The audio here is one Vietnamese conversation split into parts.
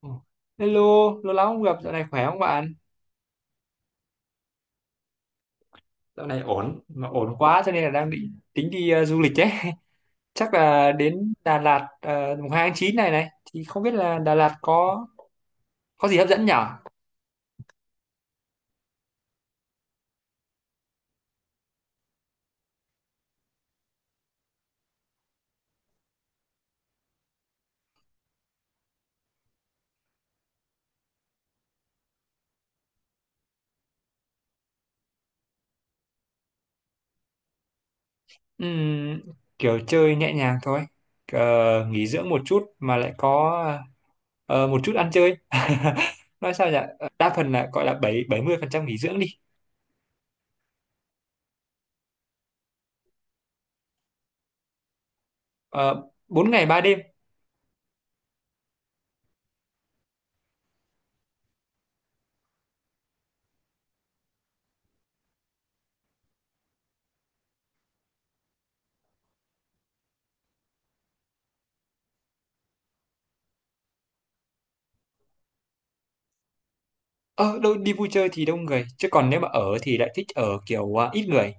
Ồ, hello, lâu lắm không gặp, dạo này khỏe không bạn? Dạo này ổn, mà ổn quá cho nên là đang định tính đi du lịch đấy. Chắc là đến Đà Lạt mùng 2 tháng 9 này này, thì không biết là Đà Lạt có gì hấp dẫn nhở? Ừm, kiểu chơi nhẹ nhàng thôi. Ờ, nghỉ dưỡng một chút mà lại có một chút ăn chơi. Nói sao nhỉ? Đa phần là gọi là bảy bảy mươi phần trăm nghỉ dưỡng đi. Ờ, 4 ngày 3 đêm. Ờ, đâu, đi vui chơi thì đông người, chứ còn nếu mà ở thì lại thích ở kiểu ít người.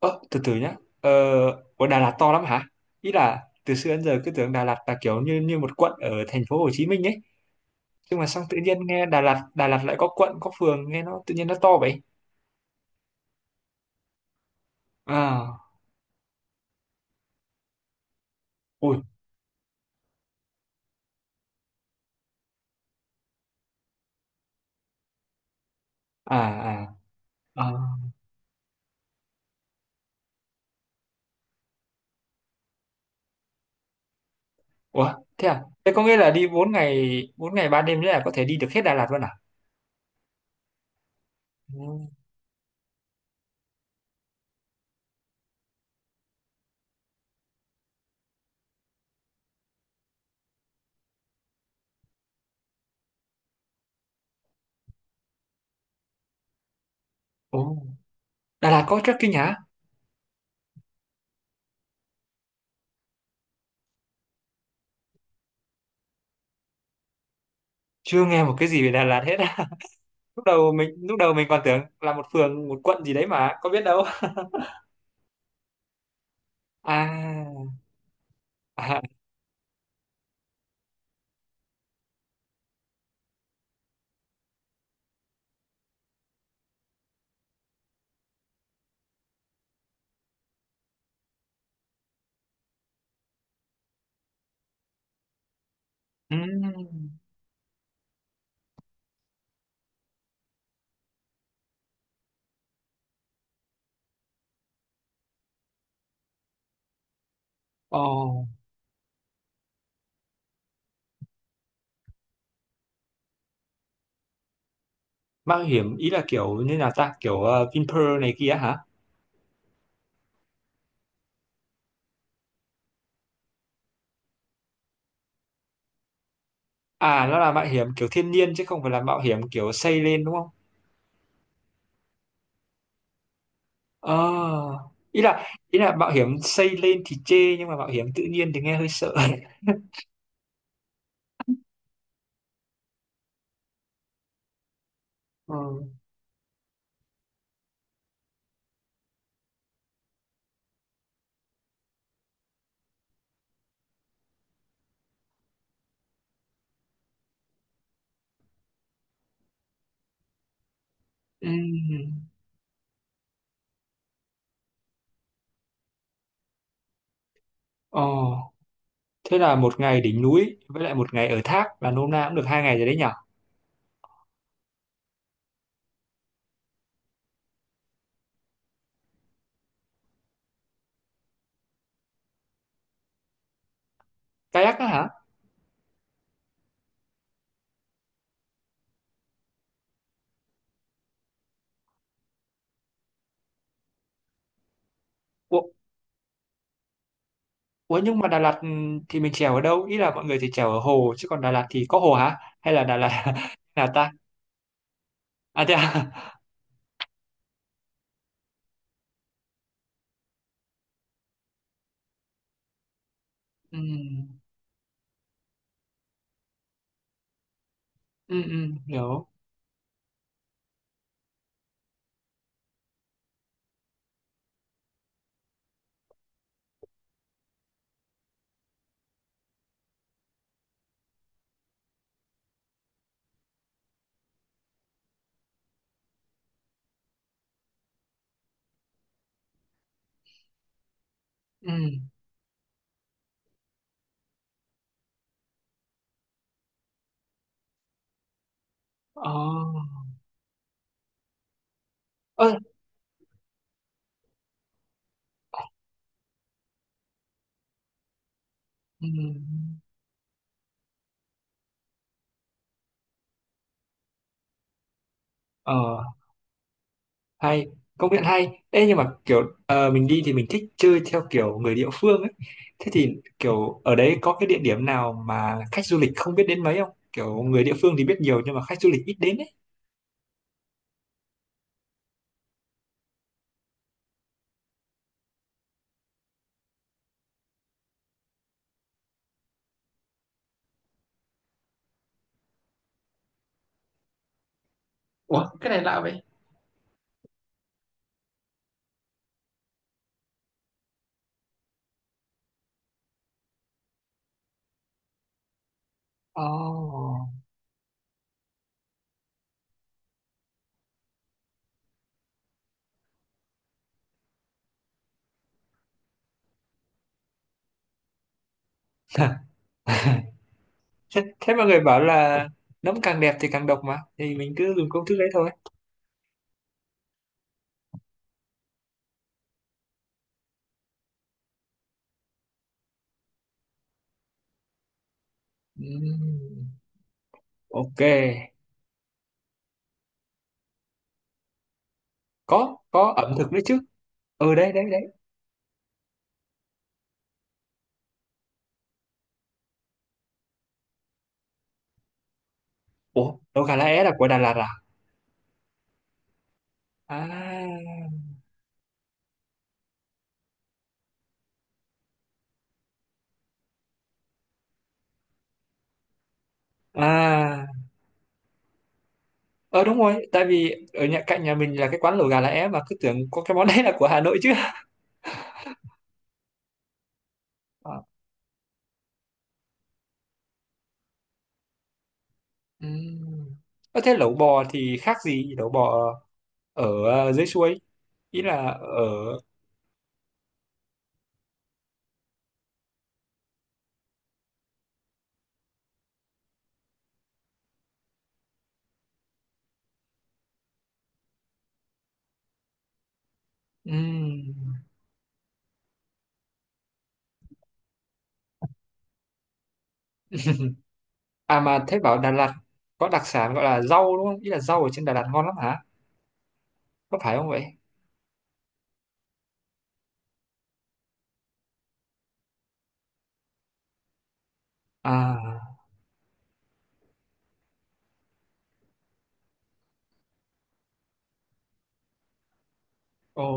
Ơ, từ từ nhá. Ờ, ở Đà Lạt to lắm hả? Ý là từ xưa đến giờ cứ tưởng Đà Lạt là kiểu như như một quận ở thành phố Hồ Chí Minh ấy. Nhưng mà xong tự nhiên nghe Đà Lạt, Đà Lạt lại có quận, có phường, nghe nó tự nhiên nó to vậy. À. Ui. À, à, à. Ủa, thế à? Thế có nghĩa là đi bốn ngày 3 đêm nữa là có thể đi được hết Đà Lạt luôn à? Ừ. Ồ, Đà Lạt có trekking hả? Chưa nghe một cái gì về Đà Lạt hết á. Lúc đầu mình còn tưởng là một phường, một quận gì đấy mà, có biết đâu. À, à, ừ. Ồ, mạo hiểm ý là kiểu như là ta kiểu Vinpearl này kia hả? À, nó là mạo hiểm kiểu thiên nhiên chứ không phải là mạo hiểm kiểu xây lên đúng không? Ờ, ý là ý là mạo hiểm xây lên thì chê nhưng mà mạo hiểm tự nhiên thì nghe hơi sợ. Ờ, ừm, Ồ, thế là một ngày đỉnh núi với lại một ngày ở thác là nôm na cũng được 2 ngày rồi đấy nhở? Kayak á hả? Ủa, ủa, nhưng mà Đà Lạt thì mình chèo ở đâu? Ý là mọi người thì chèo ở hồ chứ còn Đà Lạt thì có hồ hả? Hay là Đà Lạt là ta? À, thế à? Ừm. Ừ, ừ, hiểu. Ừ. Ờ. Ơ. Ừ. ờ hay, công nhận hay. Ê, nhưng mà kiểu mình đi thì mình thích chơi theo kiểu người địa phương ấy. Thế thì kiểu ở đấy có cái địa điểm nào mà khách du lịch không biết đến mấy không, kiểu người địa phương thì biết nhiều nhưng mà khách du lịch ít đến ấy? Ủa, cái này lạ vậy. Ồ. Thế, mọi người bảo là nấm càng đẹp thì càng độc mà, thì mình cứ dùng công thức đấy thôi. Ừm, ok. Có ẩm thực nữa chứ. Ừ, đấy đấy đấy. Ủa, đâu gà lá é là của Đà Lạt à? À, à, ờ, đúng rồi, tại vì ở nhà cạnh nhà mình là cái quán lẩu gà lá é mà cứ tưởng có cái món đấy là của Hà Nội chứ. À, ừm. Thế lẩu bò thì khác gì lẩu bò ở dưới suối, ý là ở ừm. À mà thế bảo Đà Lạt có đặc sản gọi là rau đúng không, ý là rau ở trên Đà Lạt ngon lắm hả? Có phải không vậy? À. Ồ,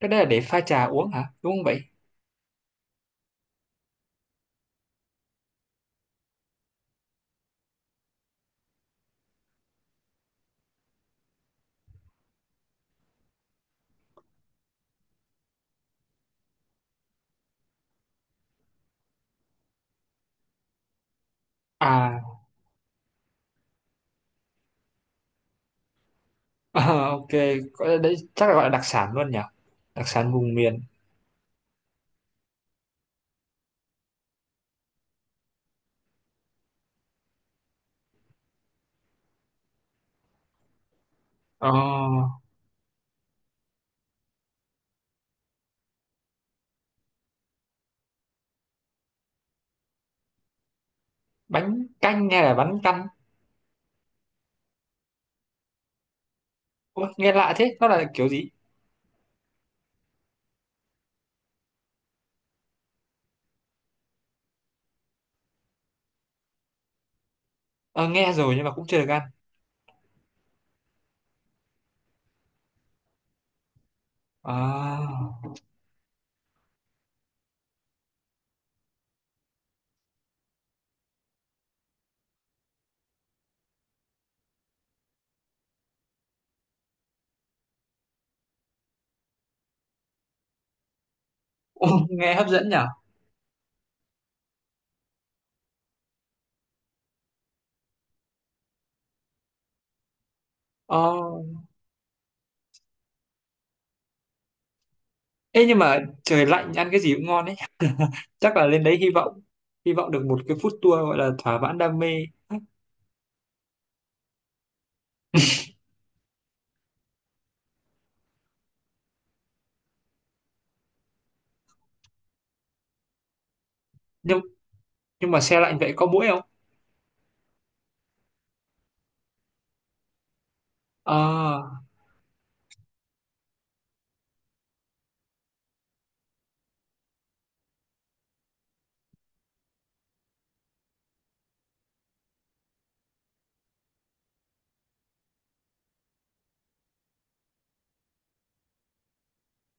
cái đấy là để pha trà uống hả, đúng không vậy? À. Ờ, ok. Gọi là đấy chắc là gọi là đặc sản luôn nhỉ, đặc sản vùng miền. Ờ, bánh canh hay là bánh căn? Ôi, nghe lạ thế, nó là kiểu gì? Ờ, nghe rồi nhưng mà cũng chưa được ăn. À. Nghe hấp dẫn nhỉ. Ờ, ê, nhưng mà trời lạnh ăn cái gì cũng ngon đấy. Chắc là lên đấy hy vọng được một cái food tour gọi là thỏa mãn đam mê. Nhưng nhưng mà xe lạnh vậy có muỗi không? Ờ.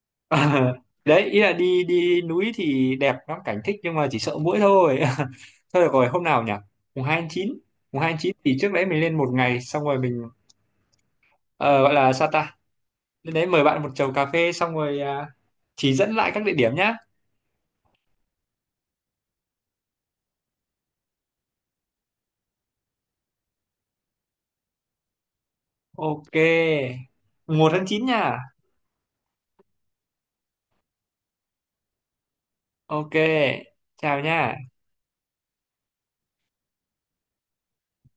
Ờ, đấy, ý là đi đi núi thì đẹp lắm, cảnh thích, nhưng mà chỉ sợ muỗi thôi. Thôi được rồi, hôm nào nhỉ? Mùng hai tháng chín mùng hai tháng chín thì trước đấy mình lên một ngày xong rồi mình ờ, gọi là sao ta, lên đấy mời bạn một chầu cà phê xong rồi, à, chỉ dẫn lại các địa điểm nhá. Ok. mùng 1 tháng 9 nha. Ok, chào nha.